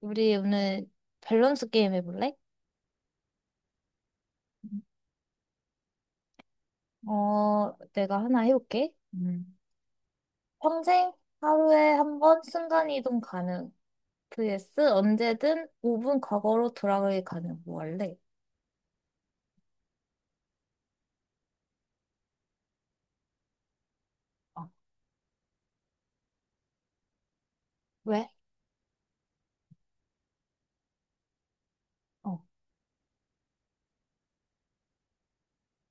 우리 오늘 밸런스 게임 해볼래? 내가 하나 해볼게. 음. 평생 하루에 한 번 순간이동 가능. vs 언제든 5분 과거로 돌아가기 가능. 뭐 할래? 어, 왜? 어,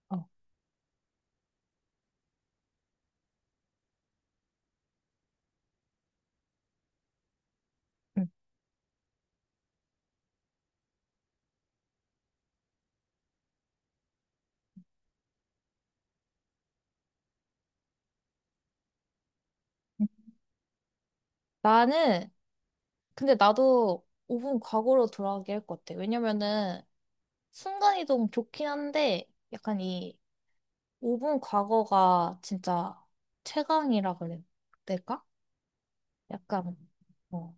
어. 응. 응. 나는, 근데 나도 5분 과거로 돌아가게 할 것 같아. 왜냐면은 순간이동 좋긴 한데 약간 이 5분 과거가 진짜 최강이라 그래. 될까? 약간. 어,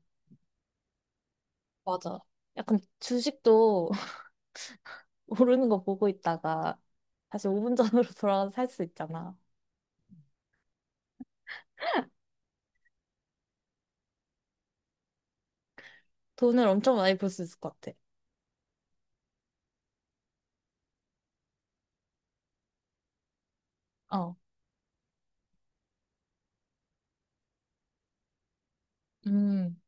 맞아. 약간 주식도 오르는 거 보고 있다가 다시 5분 전으로 돌아가서 살 수 있잖아. 돈을 엄청 많이 벌 수 있을 것 같아. 어. 음.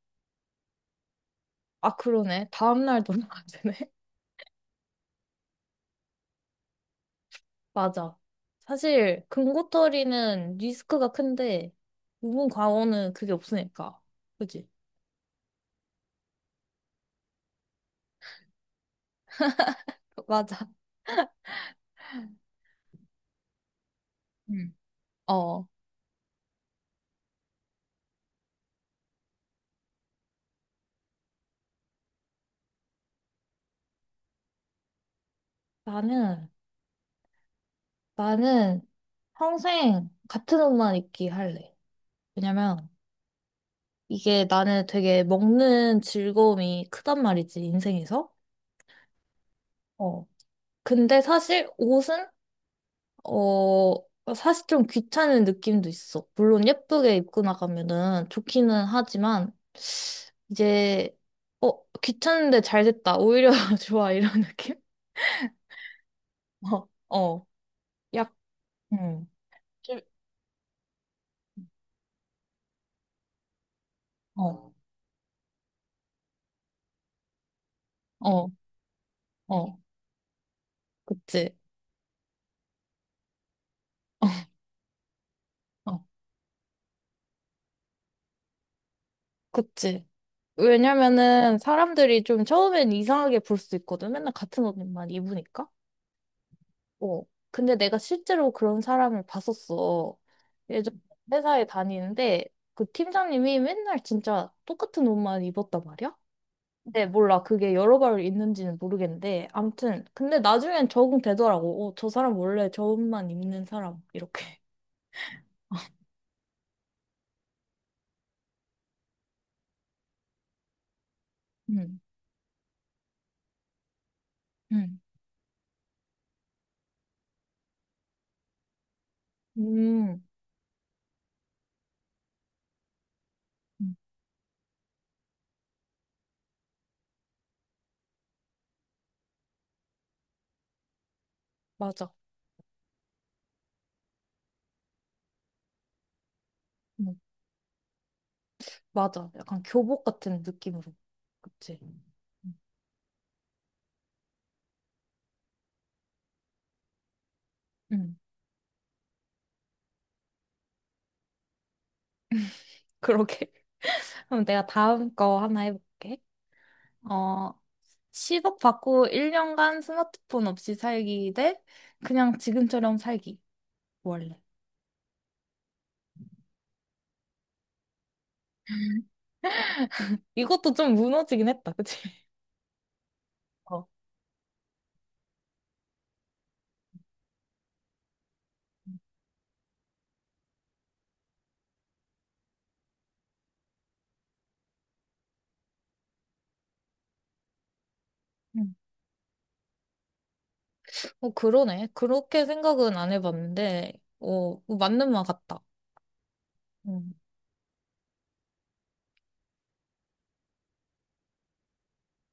아, 그러네. 다음날 돌아가야 되네. 맞아. 사실 금고털이는 리스크가 큰데 우분 과오는 그게 없으니까. 그지? 맞아. 음. 어. 나는 나는 평생 같은 옷만 입기 할래. 왜냐면 이게 나는 되게 먹는 즐거움이 크단 말이지, 인생에서. 어. 근데 사실 옷은, 어, 사실 좀 귀찮은 느낌도 있어. 물론 예쁘게 입고 나가면은 좋기는 하지만, 이제, 귀찮은데 잘 됐다. 오히려 좋아. 이런 느낌? 어, 어. 약, 음. 좀- 어, 어, 어. 그치. 어, 그치. 왜냐면은 사람들이 좀 처음엔 이상하게 볼 수 있거든. 맨날 같은 옷만 입으니까. 어. 근데 내가 실제로 그런 사람을 봤었어. 예전 회사에 다니는데 그 팀장님이 맨날 진짜 똑같은 옷만 입었단 말이야? 근데 몰라. 그게 여러 벌 있는지는 모르겠는데. 아무튼. 근데 나중엔 적응되더라고. 저 사람 원래 저 옷만 입는 사람. 이렇게. 음. 음. 음. 음. 맞아. 음. 맞아. 약간 교복 같은 느낌으로. 그치? 응. 음, 그러게. 그럼 내가 다음 거 하나 해볼게. 어, 10억 받고 1년간 스마트폰 없이 살기 대 그냥 지금처럼 살기. 원래. 이것도 좀 무너지긴 했다, 그치? 어. 음. 어, 그러네. 그렇게 생각은 안 해봤는데, 어, 맞는 말 같다. 음,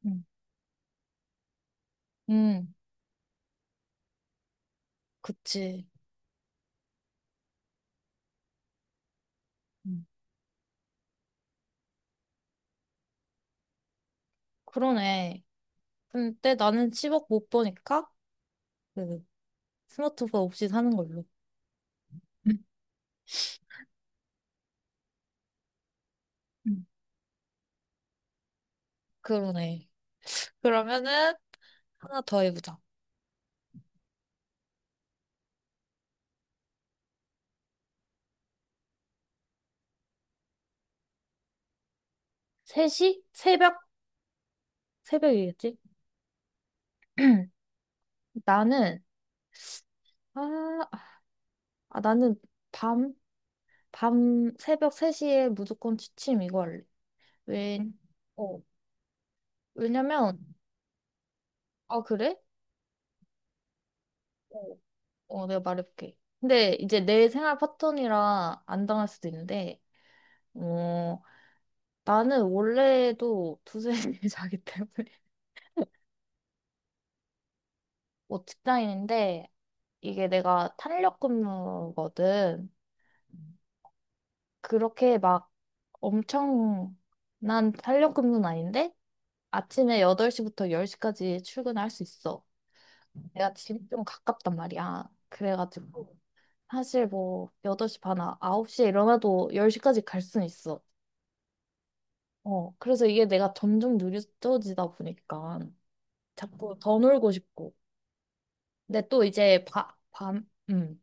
음, 음, 그치. 음, 그러네. 근데 나는 10억 못 버니까, 그, 스마트폰 없이 사는 걸로. 음. 음. 그러네. 그러면은, 하나 더 해보자. 3시? 새벽? 새벽이겠지? 나는, 아, 나는 밤, 새벽 3시에 무조건 취침 이거 할래. 왜, 음. 어, 왜냐면, 아, 그래? 어. 내가 말해볼게. 근데 이제 내 생활 패턴이라 안 당할 수도 있는데, 어, 나는 원래도 2, 3시에 자기 때문에. 뭐 직장인인데, 이게 내가 탄력 근무거든. 그렇게 막 엄청, 난 탄력근무는 아닌데, 아침에 8시부터 10시까지 출근할 수 있어. 내가 집이 좀 가깝단 말이야. 그래가지고, 사실 뭐, 8시 반, 홉시에 일어나도 10시까지 갈 순 있어. 그래서 이게 내가 점점 느려지다 보니까, 자꾸 더 놀고 싶고. 근데 또 이제,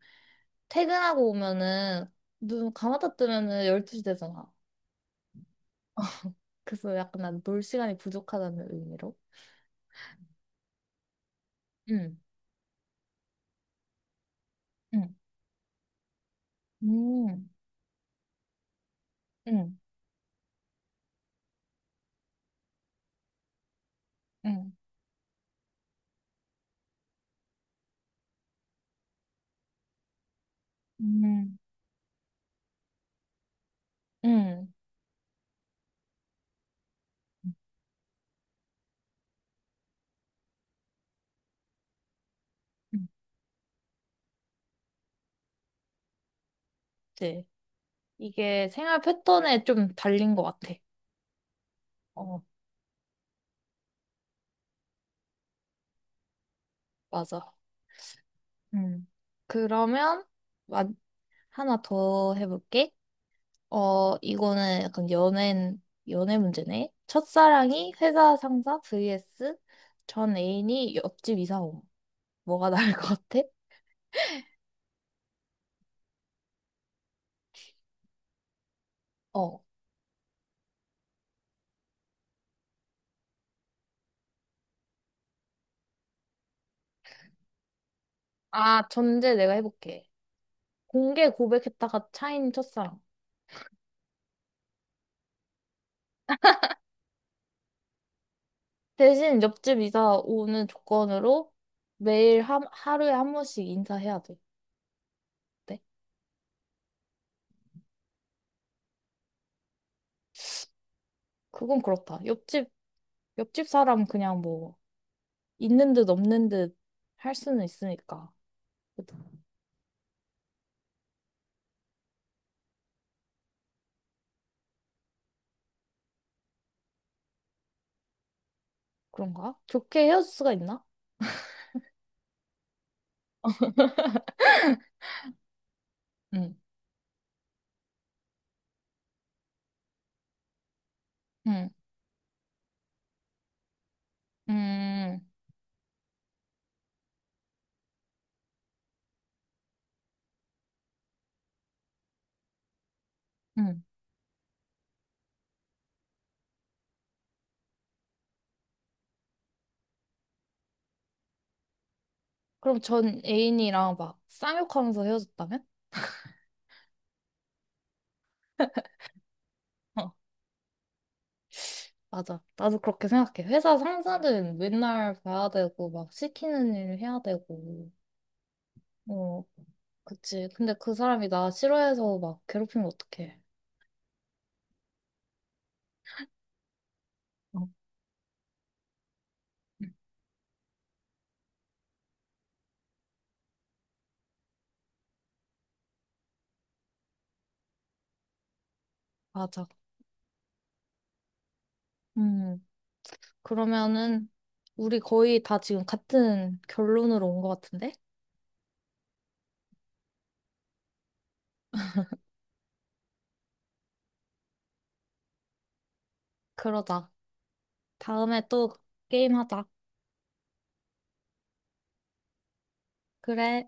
퇴근하고 오면은, 눈 감았다 뜨면은 12시 되잖아. 그래서 약간 난 놀 시간이 부족하다는 의미로. 응. 응. 음, 음, 음, 음, 음, 음. 네. 이게 생활 패턴에 좀 달린 것 같아. 어, 맞아. 음, 그러면 마- 하나 더 해볼게. 이거는 약간 연애 문제네. 첫사랑이 회사 상사 vs 전 애인이 옆집 이사옴. 뭐가 나을 것 같아? 어. 아, 전제 내가 해볼게. 공개 고백했다가 차인 첫사랑. 대신 옆집 이사 오는 조건으로 하루에 한 번씩 인사해야 돼. 네? 그건 그렇다. 옆집 사람 그냥 뭐, 있는 듯 없는 듯 할 수는 있으니까. 그- 그런가? 좋게 헤어질 수가 있나? 응, 응, 응, 응. 그럼 전 애인이랑 막 쌍욕하면서 헤어졌다면? 어, 맞아. 나도 그렇게 생각해. 회사 상사는 맨날 봐야 되고, 막 시키는 일 해야 되고. 어, 그치. 근데 그 사람이 나 싫어해서 막 괴롭히면 어떡해. 어, 맞아. 음, 그러면은 우리 거의 다 지금 같은 결론으로 온 것 같은데? 그러자. 다음에 또 게임하자. 그래.